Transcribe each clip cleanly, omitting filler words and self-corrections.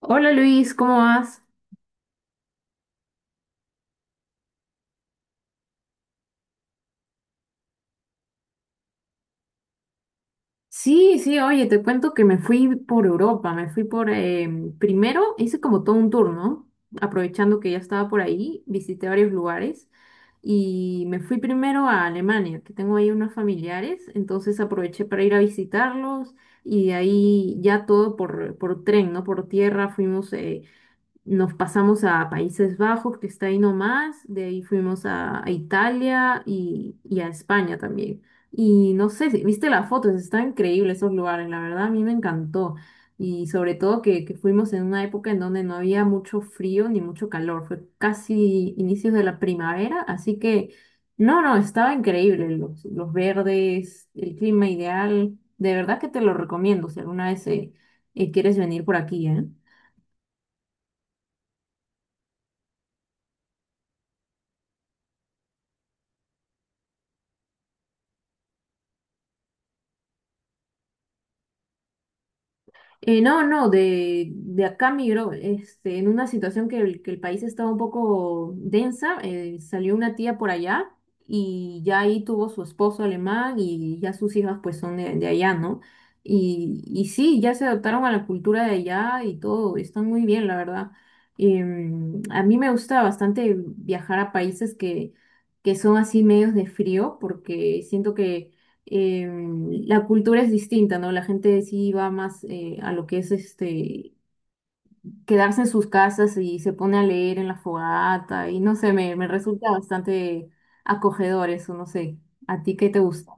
Hola Luis, ¿cómo vas? Sí, sí, oye, te cuento que me fui por Europa, me fui por, em, primero hice como todo un tour, ¿no? Aprovechando que ya estaba por ahí, visité varios lugares y me fui primero a Alemania, que tengo ahí unos familiares, entonces aproveché para ir a visitarlos y de ahí ya todo por, tren, ¿no? Por tierra fuimos, nos pasamos a Países Bajos, que está ahí nomás, de ahí fuimos a Italia y a España también. Y no sé, viste las fotos, están increíbles esos lugares, la verdad a mí me encantó. Y sobre todo que fuimos en una época en donde no había mucho frío ni mucho calor, fue casi inicios de la primavera, así que no, no, estaba increíble, los, verdes, el clima ideal, de verdad que te lo recomiendo si alguna vez quieres venir por aquí, ¿eh? No, no, de, acá migró, este, en una situación que el país estaba un poco densa, salió una tía por allá y ya ahí tuvo su esposo alemán y ya sus hijas pues son de allá, ¿no? y, sí, ya se adaptaron a la cultura de allá y todo, están muy bien, la verdad. A mí me gusta bastante viajar a países que son así medios de frío porque siento que eh, la cultura es distinta, ¿no? La gente sí va más a lo que es este quedarse en sus casas y se pone a leer en la fogata y no sé, me, resulta bastante acogedor eso, no sé. ¿A ti qué te gusta?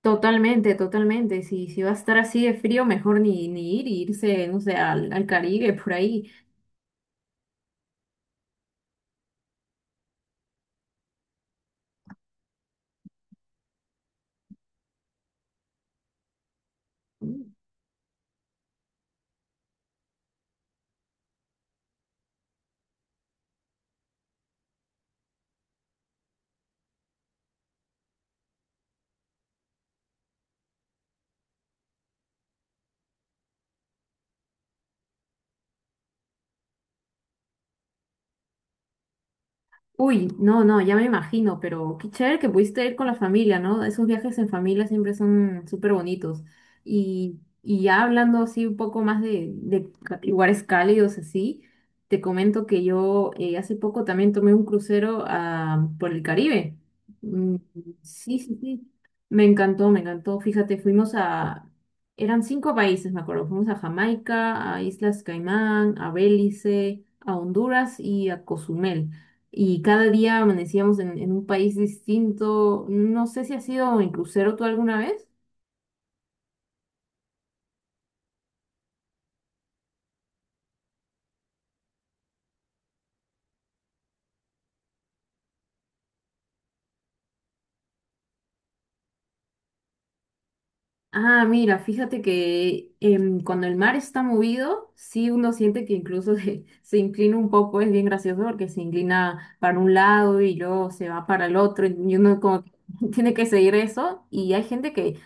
Totalmente, totalmente. Si va a estar así de frío, mejor ni, irse, no sé, al Caribe, por ahí. Uy, no, no, ya me imagino, pero qué chévere que pudiste ir con la familia, ¿no? Esos viajes en familia siempre son súper bonitos. y, ya hablando así un poco más de lugares cálidos así, te comento que yo hace poco también tomé un crucero ah, por el Caribe. Mm, sí, sí, sí. Me encantó, me encantó. Fíjate, eran cinco países, me acuerdo. Fuimos a Jamaica, a Islas Caimán, a Belice, a Honduras y a Cozumel y cada día amanecíamos en un país distinto. No sé si has ido en crucero tú alguna vez. Ah, mira, fíjate que cuando el mar está movido, sí uno siente que incluso se inclina un poco, es bien gracioso porque se inclina para un lado y luego se va para el otro y uno como que tiene que seguir eso y hay gente que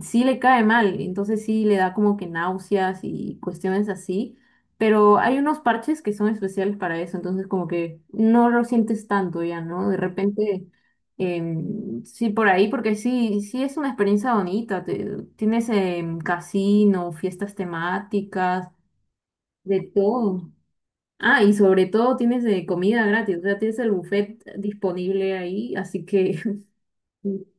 sí le cae mal, entonces sí le da como que náuseas y cuestiones así, pero hay unos parches que son especiales para eso, entonces como que no lo sientes tanto ya, ¿no? De repente... Sí, por ahí, porque sí, sí es una experiencia bonita. Tienes casino, fiestas temáticas, de todo. Ah, y sobre todo tienes de comida gratis, o sea, tienes el buffet disponible ahí, así que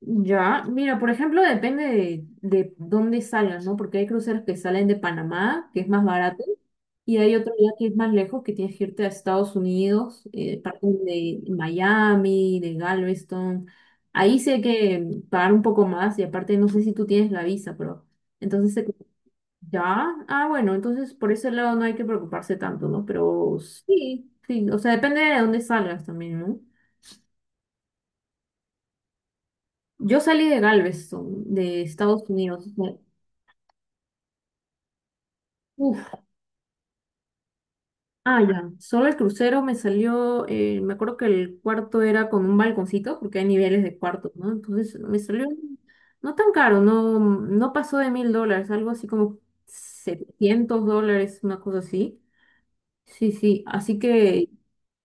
Ya, mira, por ejemplo, depende de dónde salgan, ¿no? Porque hay cruceros que salen de Panamá, que es más barato, y hay otro ya que es más lejos, que tienes que irte a Estados Unidos, parten de Miami, de Galveston. Ahí sí hay que pagar un poco más, y aparte no sé si tú tienes la visa, pero entonces ya, bueno, entonces por ese lado no hay que preocuparse tanto, ¿no? Pero sí, sí, o sea, depende de dónde salgas también, ¿no? Yo salí de Galveston, de Estados Unidos. Uf, ya. Solo el crucero me salió, me acuerdo que el cuarto era con un balconcito, porque hay niveles de cuartos, ¿no? Entonces me salió no tan caro, no, no pasó de $1000, algo así como $700, una cosa así. Sí, sí, así que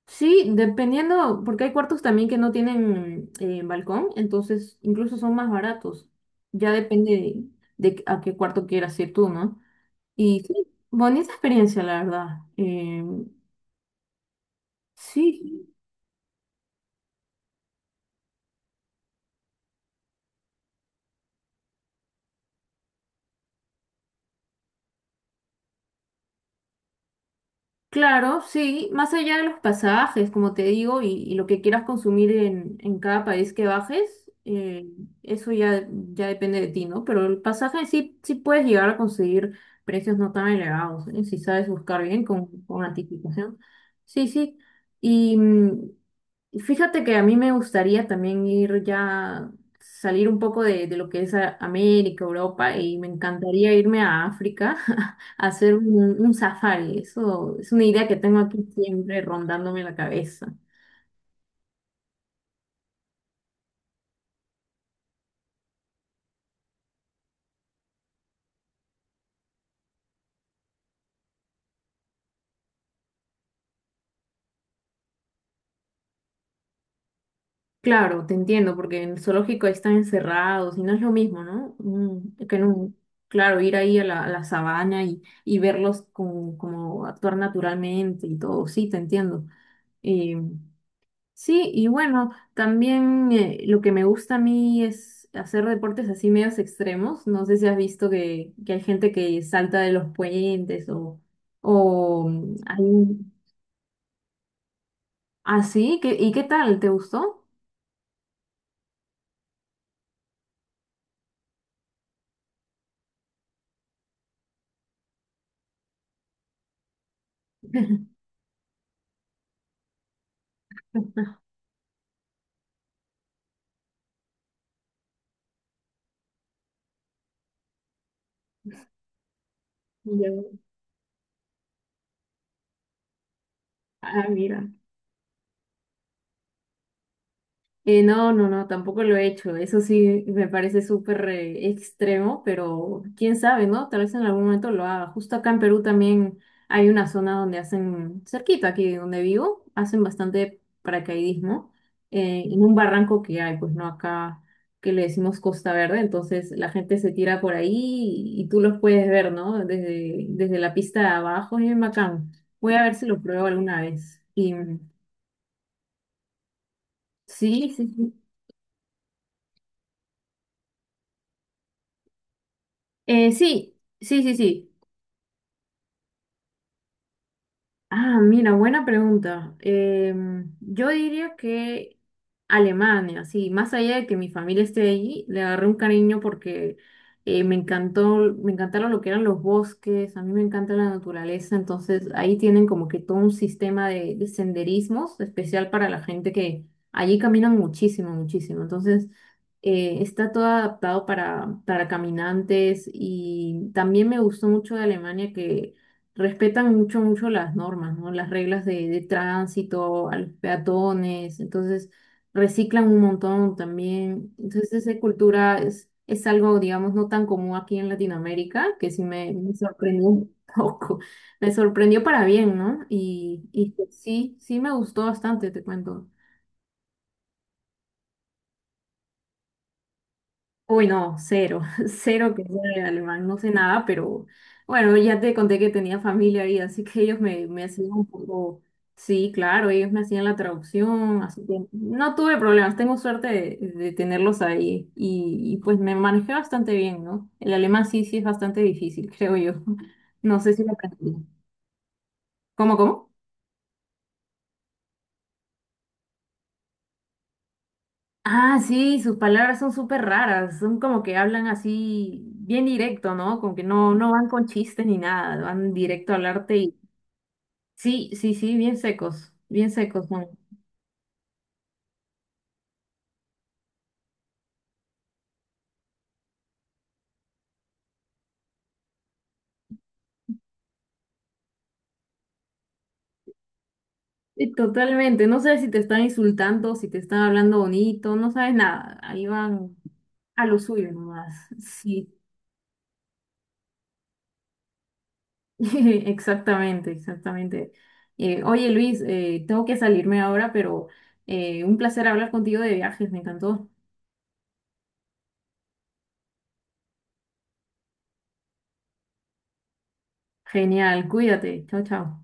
sí, dependiendo, porque hay cuartos también que no tienen balcón, entonces incluso son más baratos. Ya depende de, a qué cuarto quieras ir tú, ¿no? Y sí, bonita experiencia, la verdad. Eh, Sí, claro, sí, más allá de los pasajes, como te digo, y lo que quieras consumir en cada país que bajes, eso ya, ya depende de ti, ¿no? Pero el pasaje sí, sí puedes llegar a conseguir precios no tan elevados, ¿eh? Si sabes buscar bien con, anticipación. Sí, sí. Y, fíjate que a mí me gustaría también ir ya, salir un poco de, lo que es América, Europa, y me encantaría irme a África a hacer un safari. Eso es una idea que tengo aquí siempre rondándome la cabeza. Claro, te entiendo, porque en el zoológico ahí están encerrados y no es lo mismo, ¿no? Claro, ir ahí a la, sabana y verlos como actuar naturalmente y todo. Sí, te entiendo. Em, Sí, y bueno, también lo que me gusta a mí es hacer deportes así medios extremos. No sé si has visto que hay gente que salta de los puentes o mm, hay- así. ¿Y qué tal? ¿Te gustó? Yo, Mira. No, no, no, tampoco lo he hecho. Eso sí me parece súper extremo, pero quién sabe, ¿no? Tal vez en algún momento lo haga. Justo acá en Perú también hay una zona donde hacen, cerquita aquí donde vivo, hacen bastante paracaidismo en un barranco que hay, pues no acá que le decimos Costa Verde, entonces la gente se tira por ahí y tú los puedes ver, ¿no? Desde la pista de abajo, es bien bacán. Voy a ver si lo pruebo alguna vez. Y sí, sí, sí. Sí, sí, sí, sí. Ah, mira, buena pregunta. Yo diría que Alemania, sí, más allá de que mi familia esté allí, le agarré un cariño porque me encantó, me encantaron lo que eran los bosques, a mí me encanta la naturaleza, entonces ahí tienen como que todo un sistema de, senderismos especial para la gente que allí caminan muchísimo, muchísimo. Entonces, está todo adaptado para caminantes y también me gustó mucho de Alemania que respetan mucho, mucho las normas, ¿no? Las reglas de tránsito, a los peatones, entonces reciclan un montón también. Entonces esa cultura es algo, digamos, no tan común aquí en Latinoamérica, que sí me, sorprendió un poco, me sorprendió para bien, ¿no? y sí, sí me gustó bastante, te cuento. Uy, no, cero, cero que sé alemán, no sé nada, pero bueno, ya te conté que tenía familia ahí, así que ellos me, hacían un poco, sí, claro, ellos me hacían la traducción, así que no tuve problemas, tengo suerte de, tenerlos ahí y pues me manejé bastante bien, ¿no? El alemán sí, sí es bastante difícil, creo yo. No sé si lo aprendí. ¿Cómo, cómo? Ah, sí, sus palabras son súper raras, son como que hablan así bien directo, ¿no? Como que no, no van con chistes ni nada, van directo a hablarte y sí, sí, sí, bien secos son. Sí, totalmente, no sabes si te están insultando, si te están hablando bonito, no sabes nada, ahí van a lo suyo nomás. Sí, exactamente, exactamente. Oye Luis, tengo que salirme ahora, pero un placer hablar contigo de viajes, me encantó. Genial, cuídate, chao, chao.